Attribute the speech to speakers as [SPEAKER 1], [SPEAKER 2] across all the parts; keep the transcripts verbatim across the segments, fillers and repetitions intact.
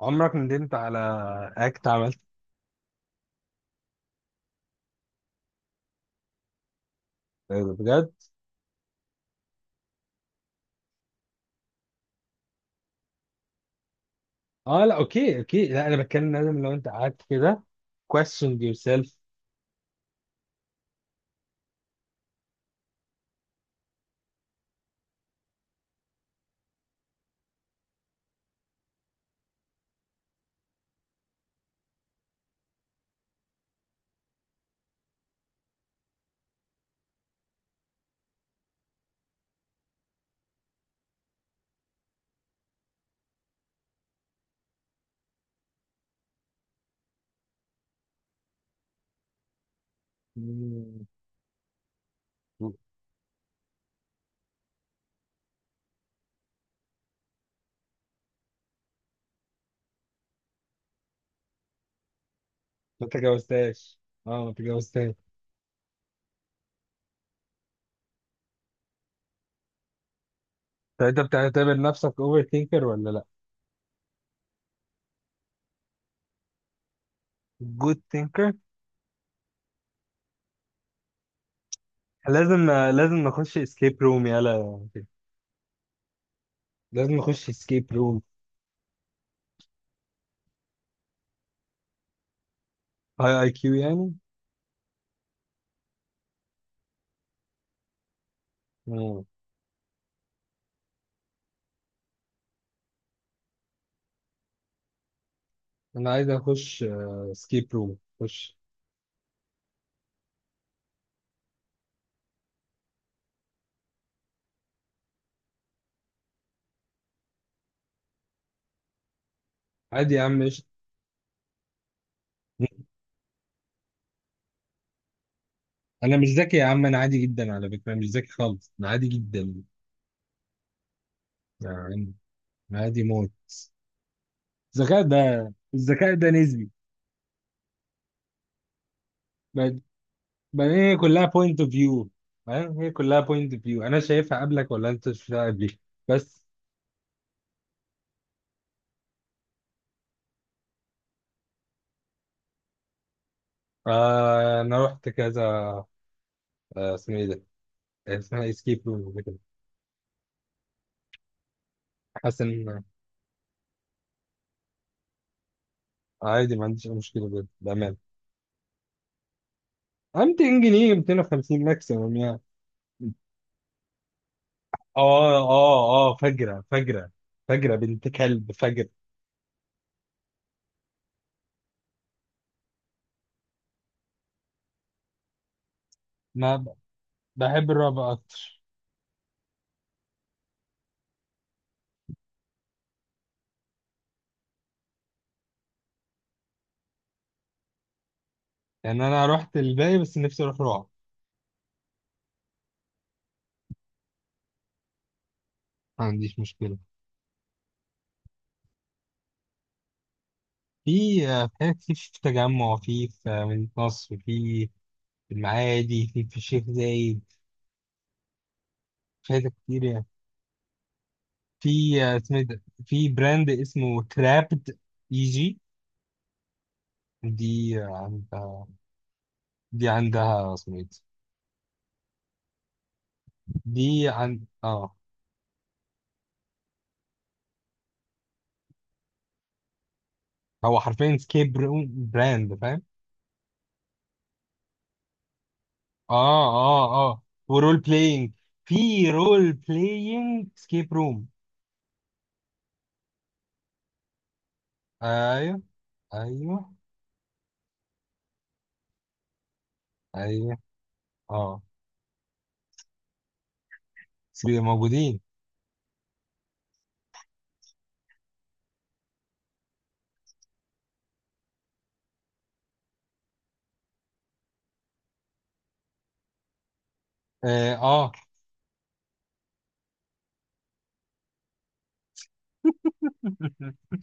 [SPEAKER 1] عمرك ندمت على اكت عملت؟ بجد؟ اه، لا، اوكي اوكي، لا، انا بتكلم، لازم، لو انت قعدت كده question yourself. مم. ما تجاوزتهاش، اه، ما تجاوزتهاش. طب انت بتعتبر نفسك اوفر ثينكر ولا لا؟ جود ثينكر. لازم لازم نخش اسكيب روم، يلا. لازم نخش اسكيب روم. هاي اي كيو يعني. مم. انا عايز اخش اسكيب روم، خش. عادي يا عم، مش. انا مش ذكي يا عم، انا عادي جدا على فكره، مش ذكي خالص، انا عادي جدا. يعني عادي موت. الذكاء ده، الذكاء ده نسبي. بعد- بعدين هي كلها بوينت اوف فيو. فاهم، هي كلها بوينت اوف فيو، انا شايفها قبلك ولا انت شايفها قبلي؟ بس. آه انا رحت كذا، آه اسمه ايه ده، اسمها اسكيب روم كده. حاسس ان عادي، ما عنديش اي مشكله، بجد بامان. مئتين جنيه، مئتين خمسين ماكسيمم يعني. اه اه اه، فجرة فجرة، فجرة بنت كلب، فجرة. ما ب- بحب الرعب اكتر. يعني انا رحت الباقي، بس نفسي اروح رعب. ما عنديش مشكلة. في آه، في حاجات كتير، في التجمع، في في آه، مدينة نصر، في في المعادي، في في الشيخ زايد. في حاجات كتير يعني. في آه، اسمه إيه ده، في براند اسمه كرابد جي، دي عندها، دي عندها اسمه ايه ده؟ دي عند اه هو حرفيا سكيب، براند فاهم. اه اه اه، ورول بلاينج، في رول بلاينج سكيب روم. ايوه ايوه ايوه، اه. بي- موجودين. اه. آه.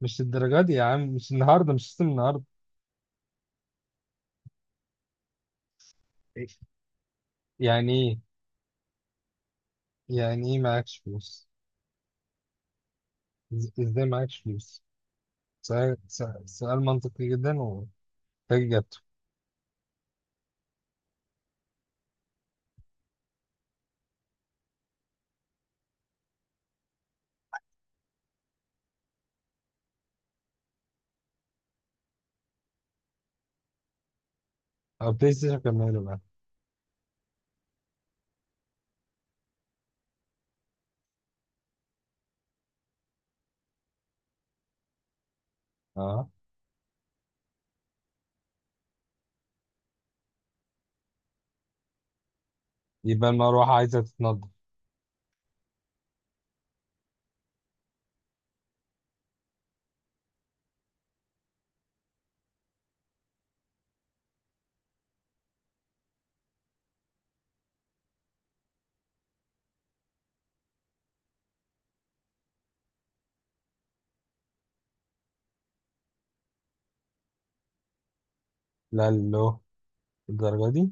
[SPEAKER 1] مش الدرجة دي يا عم، مش النهاردة، مش السيستم النهاردة. يعني ايه؟ يعني ايه معاكش فلوس؟ إز- ازاي معاكش فلوس؟ سؤال سؤال سؤال منطقي جدا، وفاك اجابته. او بلاي ستيشن كمله بقى. اه، يبقى المروحة عايزة تتنضف. لا، لو الدرجة دي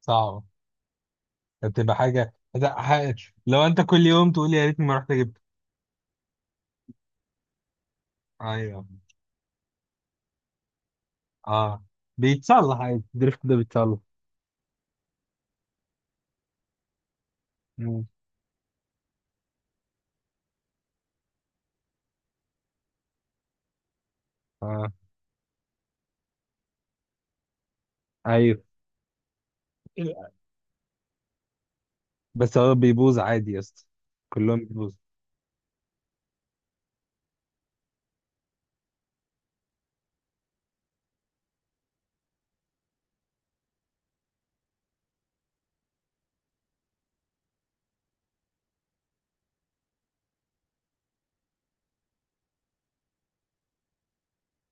[SPEAKER 1] صعبة. هتبقى حاجة، هت- ح- لو انت كل يوم تقول لي يا ريتني ما رحت جبت. ايوه، اه، بيتصلح عادي، الدريفت ده بيتصلح. مم. اه. ايوه، بس هو بيبوظ عادي يا اسطى. كلهم بيبوظ.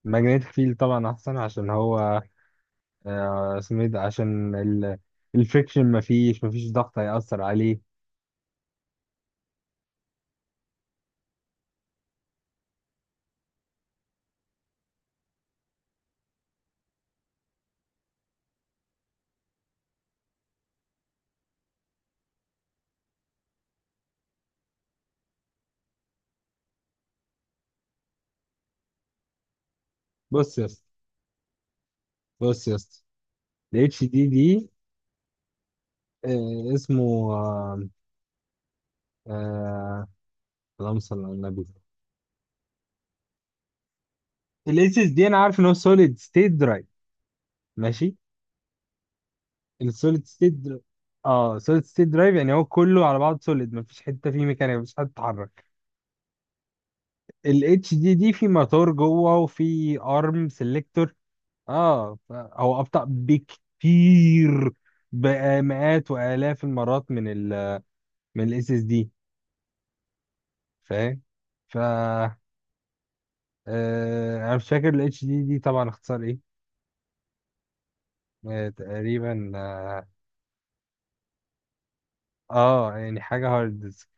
[SPEAKER 1] الماجنيتيك فيل طبعا احسن عشان هو، آه، اسمه ايه ده، عشان ال... الفريكشن، مفيش مفيش ضغط هيأثر عليه. بص يا اسطى، بص يا اسطى، ال اتش دي دي. آه، اسمه، آه، آه، اللهم صل على النبي. الاس اس اس دي، انا عارف ان هو سوليد ستيت درايف. ماشي، السوليد ستيت. اه، سوليد ستيت درايف، يعني هو كله على بعض سوليد، مفيش حته فيه ميكانيكا، مفيش حته تتحرك. ال اتش دي دي في موتور جوه، وفي ارم سيلكتور. اه، ف- هو ابطأ بكتير، بقى مئات والاف المرات من ال من الاس اس دي. فاهم. ف آه، انا مش فاكر الاتش دي دي طبعا اختصار ايه. آه، تقريبا اه. آه، يعني حاجه هارد ديسك.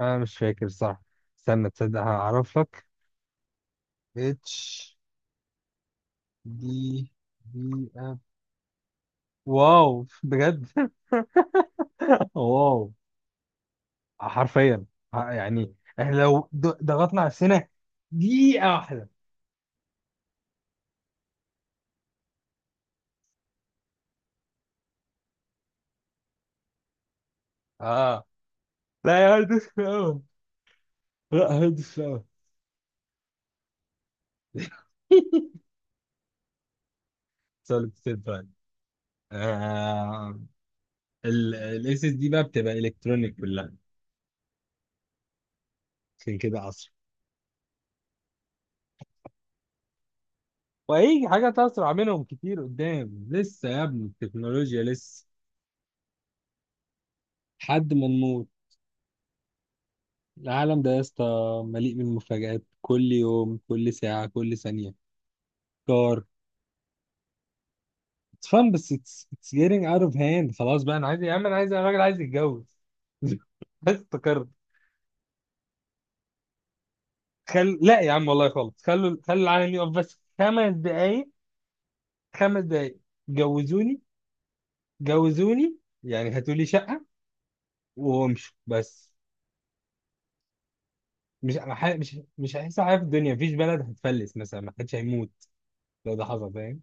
[SPEAKER 1] انا مش فاكر صح، استنى تصدق هعرف لك. اتش دي دي اف. واو بجد. واو. حرفيا، ه- يعني احنا لو ض- ضغطنا على السنة دقيقة واحدة. اه، لا يا هندس، في الأول. لا هندس، في الأول. سوليد ستيت فعلا. الاس اس دي بقى بتبقى الكترونيك كلها، عشان كده اسرع. وهيجي حاجات اسرع منهم كتير قدام، لسه يا ابني التكنولوجيا لسه، لحد ما نموت. العالم ده يا اسطى مليء بالمفاجآت، كل يوم، كل ساعة، كل ثانية. كار، It's fun، بس it's, it's getting out of hand، خلاص بقى. انا عايز يا عم، انا عايز، الراجل عايز يتجوز. بس افتكرت. خل لا يا عم والله، خالص، خلوا خلوا العالم يقف بس خمس دقايق. خمس دقايق، جوزوني جوزوني، يعني هاتوا لي شقة وامشوا بس. مش ح- مش مش هيحصل حاجة في الدنيا، مفيش بلد هتفلس مثلا، ما حدش هيموت لو ده حصل، فاهم.